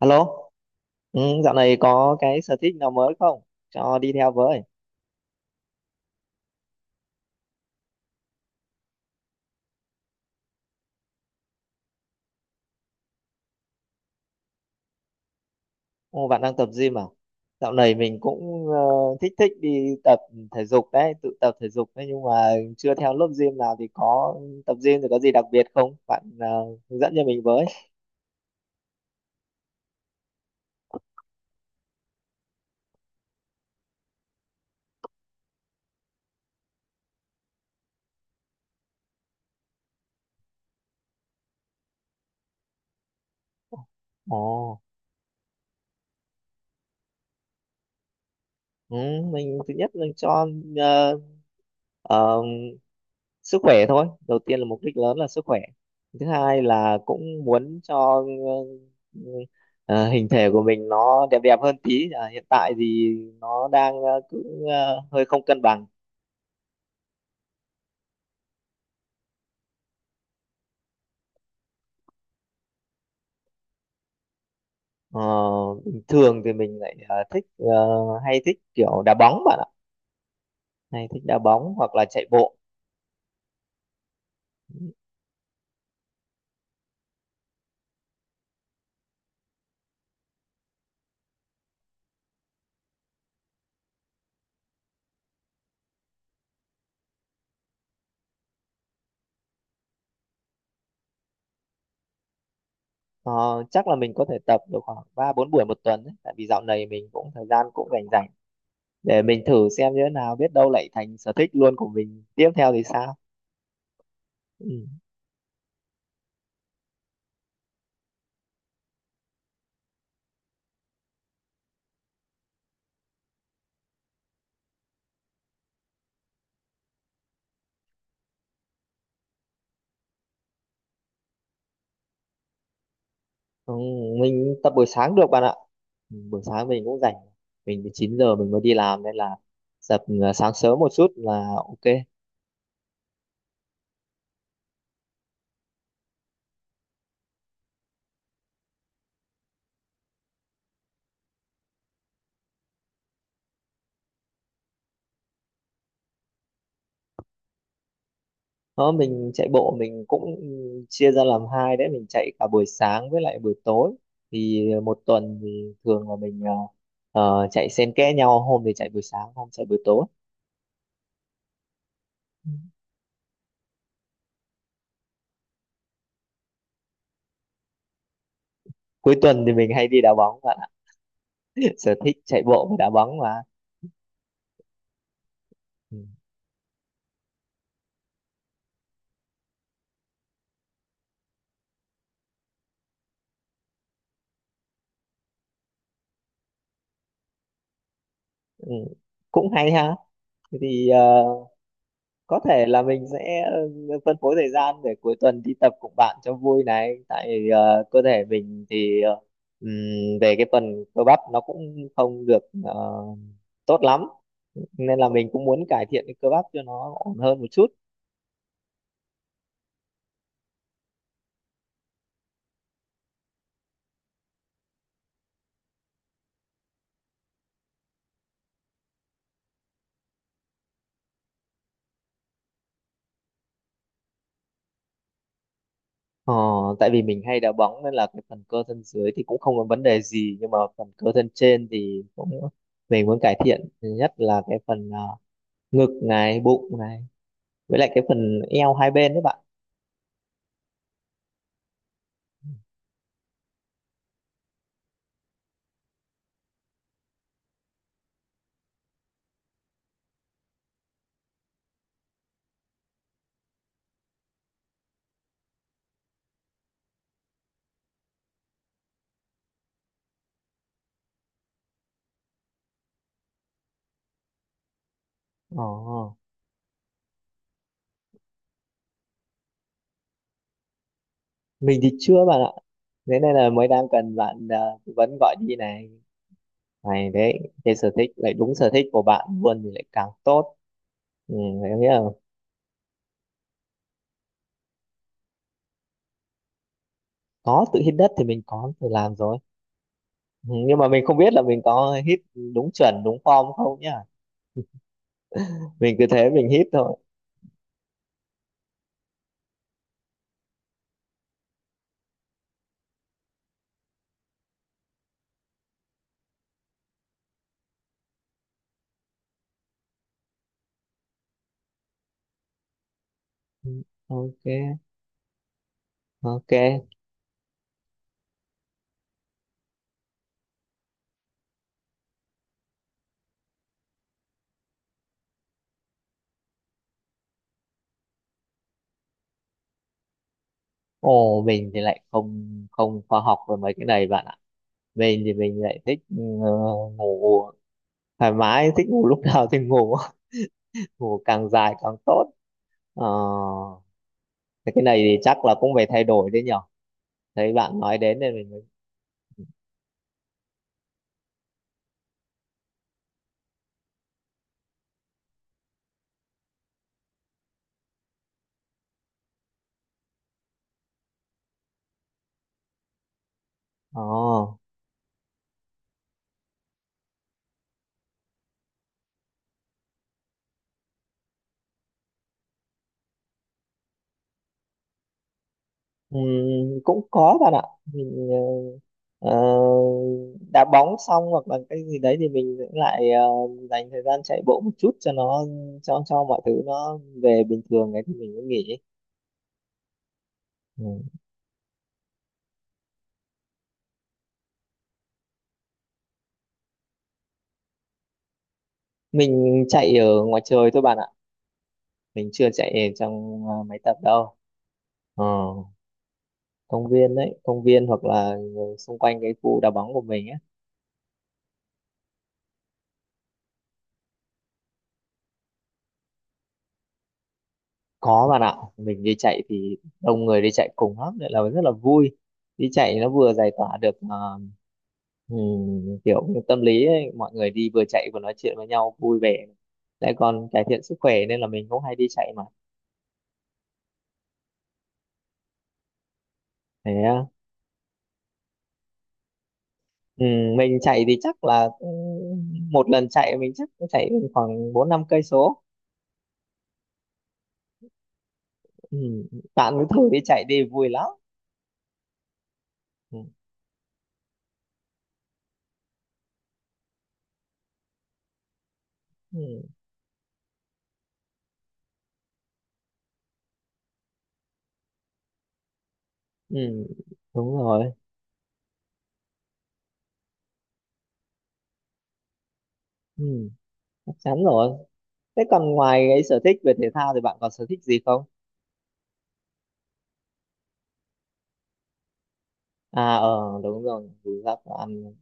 Alo, dạo này có cái sở thích nào mới không? Cho đi theo với. Ồ, bạn đang tập gym à? Dạo này mình cũng thích thích đi tập thể dục đấy, tự tập thể dục đấy, nhưng mà chưa theo lớp gym nào. Thì có tập gym thì có gì đặc biệt không? Bạn hướng dẫn cho mình với. Ồ, ừ, mình thứ nhất là cho uh, sức khỏe thôi, đầu tiên là mục đích lớn là sức khỏe. Thứ hai là cũng muốn cho ừ, hình thể của mình nó đẹp đẹp hơn tí à, hiện tại thì nó đang cứ hơi không cân bằng. Ờ, bình thường thì mình lại thích hay thích kiểu đá bóng bạn ạ, hay thích đá bóng hoặc là chạy bộ. Ờ, chắc là mình có thể tập được khoảng ba bốn buổi một tuần đấy. Tại vì dạo này mình cũng thời gian cũng rảnh rảnh, để mình thử xem như thế nào, biết đâu lại thành sở thích luôn của mình tiếp theo thì sao. Ừ. Không, mình tập buổi sáng được bạn ạ. Ừ, buổi sáng mình cũng rảnh, mình từ 9 giờ mình mới đi làm nên là tập sáng sớm một chút là ok. Đó mình chạy bộ mình cũng chia ra làm hai đấy, mình chạy cả buổi sáng với lại buổi tối. Thì một tuần thì thường là mình chạy xen kẽ nhau, hôm thì chạy buổi sáng, hôm chạy buổi tối. Ừ. Cuối tuần thì mình hay đi đá bóng bạn ạ. Sở thích chạy bộ và đá bóng mà. Ừ. Ừ, cũng hay ha. Thế thì có thể là mình sẽ phân phối thời gian để cuối tuần đi tập cùng bạn cho vui này, tại cơ thể mình thì ừm, về cái phần cơ bắp nó cũng không được tốt lắm, nên là mình cũng muốn cải thiện cái cơ bắp cho nó ổn hơn một chút. Ờ, tại vì mình hay đá bóng nên là cái phần cơ thân dưới thì cũng không có vấn đề gì, nhưng mà phần cơ thân trên thì cũng mình muốn cải thiện, nhất là cái phần ngực này, bụng này, với lại cái phần eo hai bên đấy bạn. Ờ. Mình thì chưa bạn ạ, thế nên là mới đang cần bạn tư vấn gọi đi này, này đấy. Cái sở thích lại đúng sở thích của bạn luôn thì lại càng tốt. Ừ, thế nghĩa là có tự hít đất thì mình có tự làm rồi. Ừ, nhưng mà mình không biết là mình có hít đúng chuẩn đúng form không nhá, mình cứ thế mình hít thôi. Ừ, ok. Ok. Ồ mình thì lại không không khoa học về mấy cái này bạn ạ. Mình thì mình lại thích ừ, ngủ thoải mái, thích ngủ lúc nào thì ngủ. Ngủ càng dài càng tốt. Ờ, thế cái này thì chắc là cũng phải thay đổi đấy nhở, thấy bạn nói đến nên mình mới. Ờ cũng có bạn ạ. Mình ờ, ờ, đá bóng xong hoặc là cái gì đấy thì mình cũng lại dành thời gian chạy bộ một chút cho nó, cho mọi thứ nó về bình thường ấy thì mình mới nghỉ. Ừ. Mình chạy ở ngoài trời thôi bạn ạ, mình chưa chạy ở trong máy tập đâu. Ờ, công viên đấy, công viên hoặc là xung quanh cái khu đá bóng của mình ấy. Có bạn ạ, mình đi chạy thì đông người đi chạy cùng lắm, nên là rất là vui. Đi chạy nó vừa giải tỏa được kiểu như tâm lý ấy. Mọi người đi vừa chạy vừa nói chuyện với nhau vui vẻ. Lại còn cải thiện sức khỏe nên là mình cũng hay đi chạy mà. Thế á. Mình chạy thì chắc là một lần chạy mình chắc cũng chạy khoảng 4 5 cây số. Ừm, Bạn cứ thử đi chạy đi vui lắm. Ừm, ừm, ừm, Đúng rồi. Ừm, Chắc chắn rồi. Thế còn ngoài cái sở thích về thể thao thì bạn còn sở thích gì không? À ờ đúng rồi, đúng là có ăn.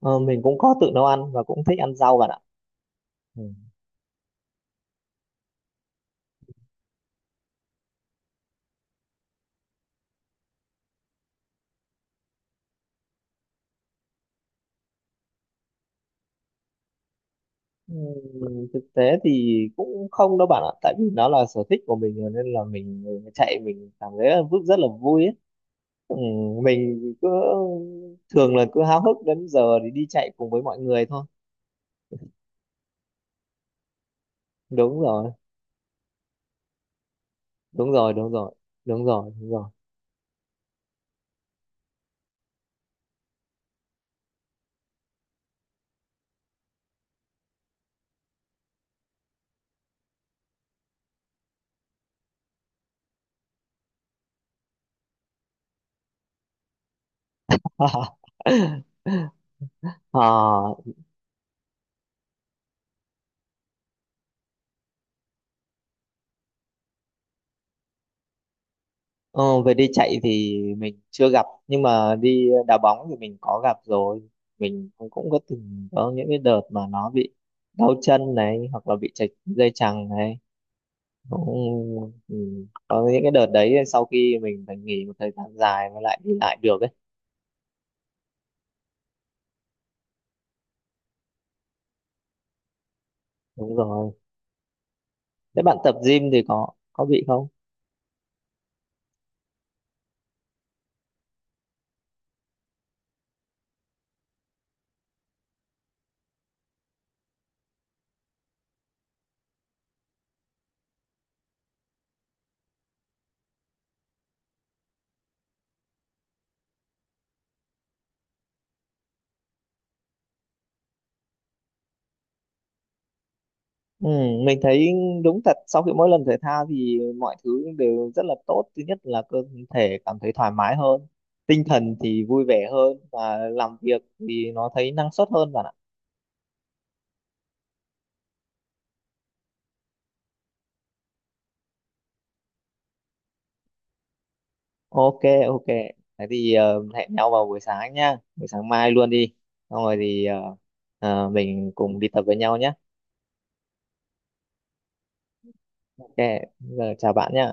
Ờ, mình cũng có tự nấu ăn và cũng thích ăn rau bạn ạ. Ừ. Thực tế thì cũng không đâu bạn ạ, tại vì nó là sở thích của mình rồi nên là mình chạy mình cảm thấy là rất rất là vui ấy. Mình cứ thường là cứ háo hức đến giờ thì đi chạy cùng với mọi người thôi. Đúng rồi, đúng rồi, đúng rồi, đúng rồi, đúng rồi. Ờ. Ờ, về đi chạy thì mình chưa gặp, nhưng mà đi đá bóng thì mình có gặp rồi. Mình cũng cũng có từng có những cái đợt mà nó bị đau chân này hoặc là bị trật dây chằng này, cũng ừ, có những cái đợt đấy sau khi mình phải nghỉ một thời gian dài mới lại đi lại được ấy. Đúng rồi, thế bạn tập gym thì có bị không? Ừ, mình thấy đúng thật sau khi mỗi lần thể thao thì mọi thứ đều rất là tốt. Thứ nhất là cơ thể cảm thấy thoải mái hơn, tinh thần thì vui vẻ hơn, và làm việc thì nó thấy năng suất hơn bạn ạ. Ok, ok, thế thì hẹn nhau vào buổi sáng nha, buổi sáng mai luôn đi, xong rồi thì mình cùng đi tập với nhau nhé. Ok, giờ chào bạn nhé.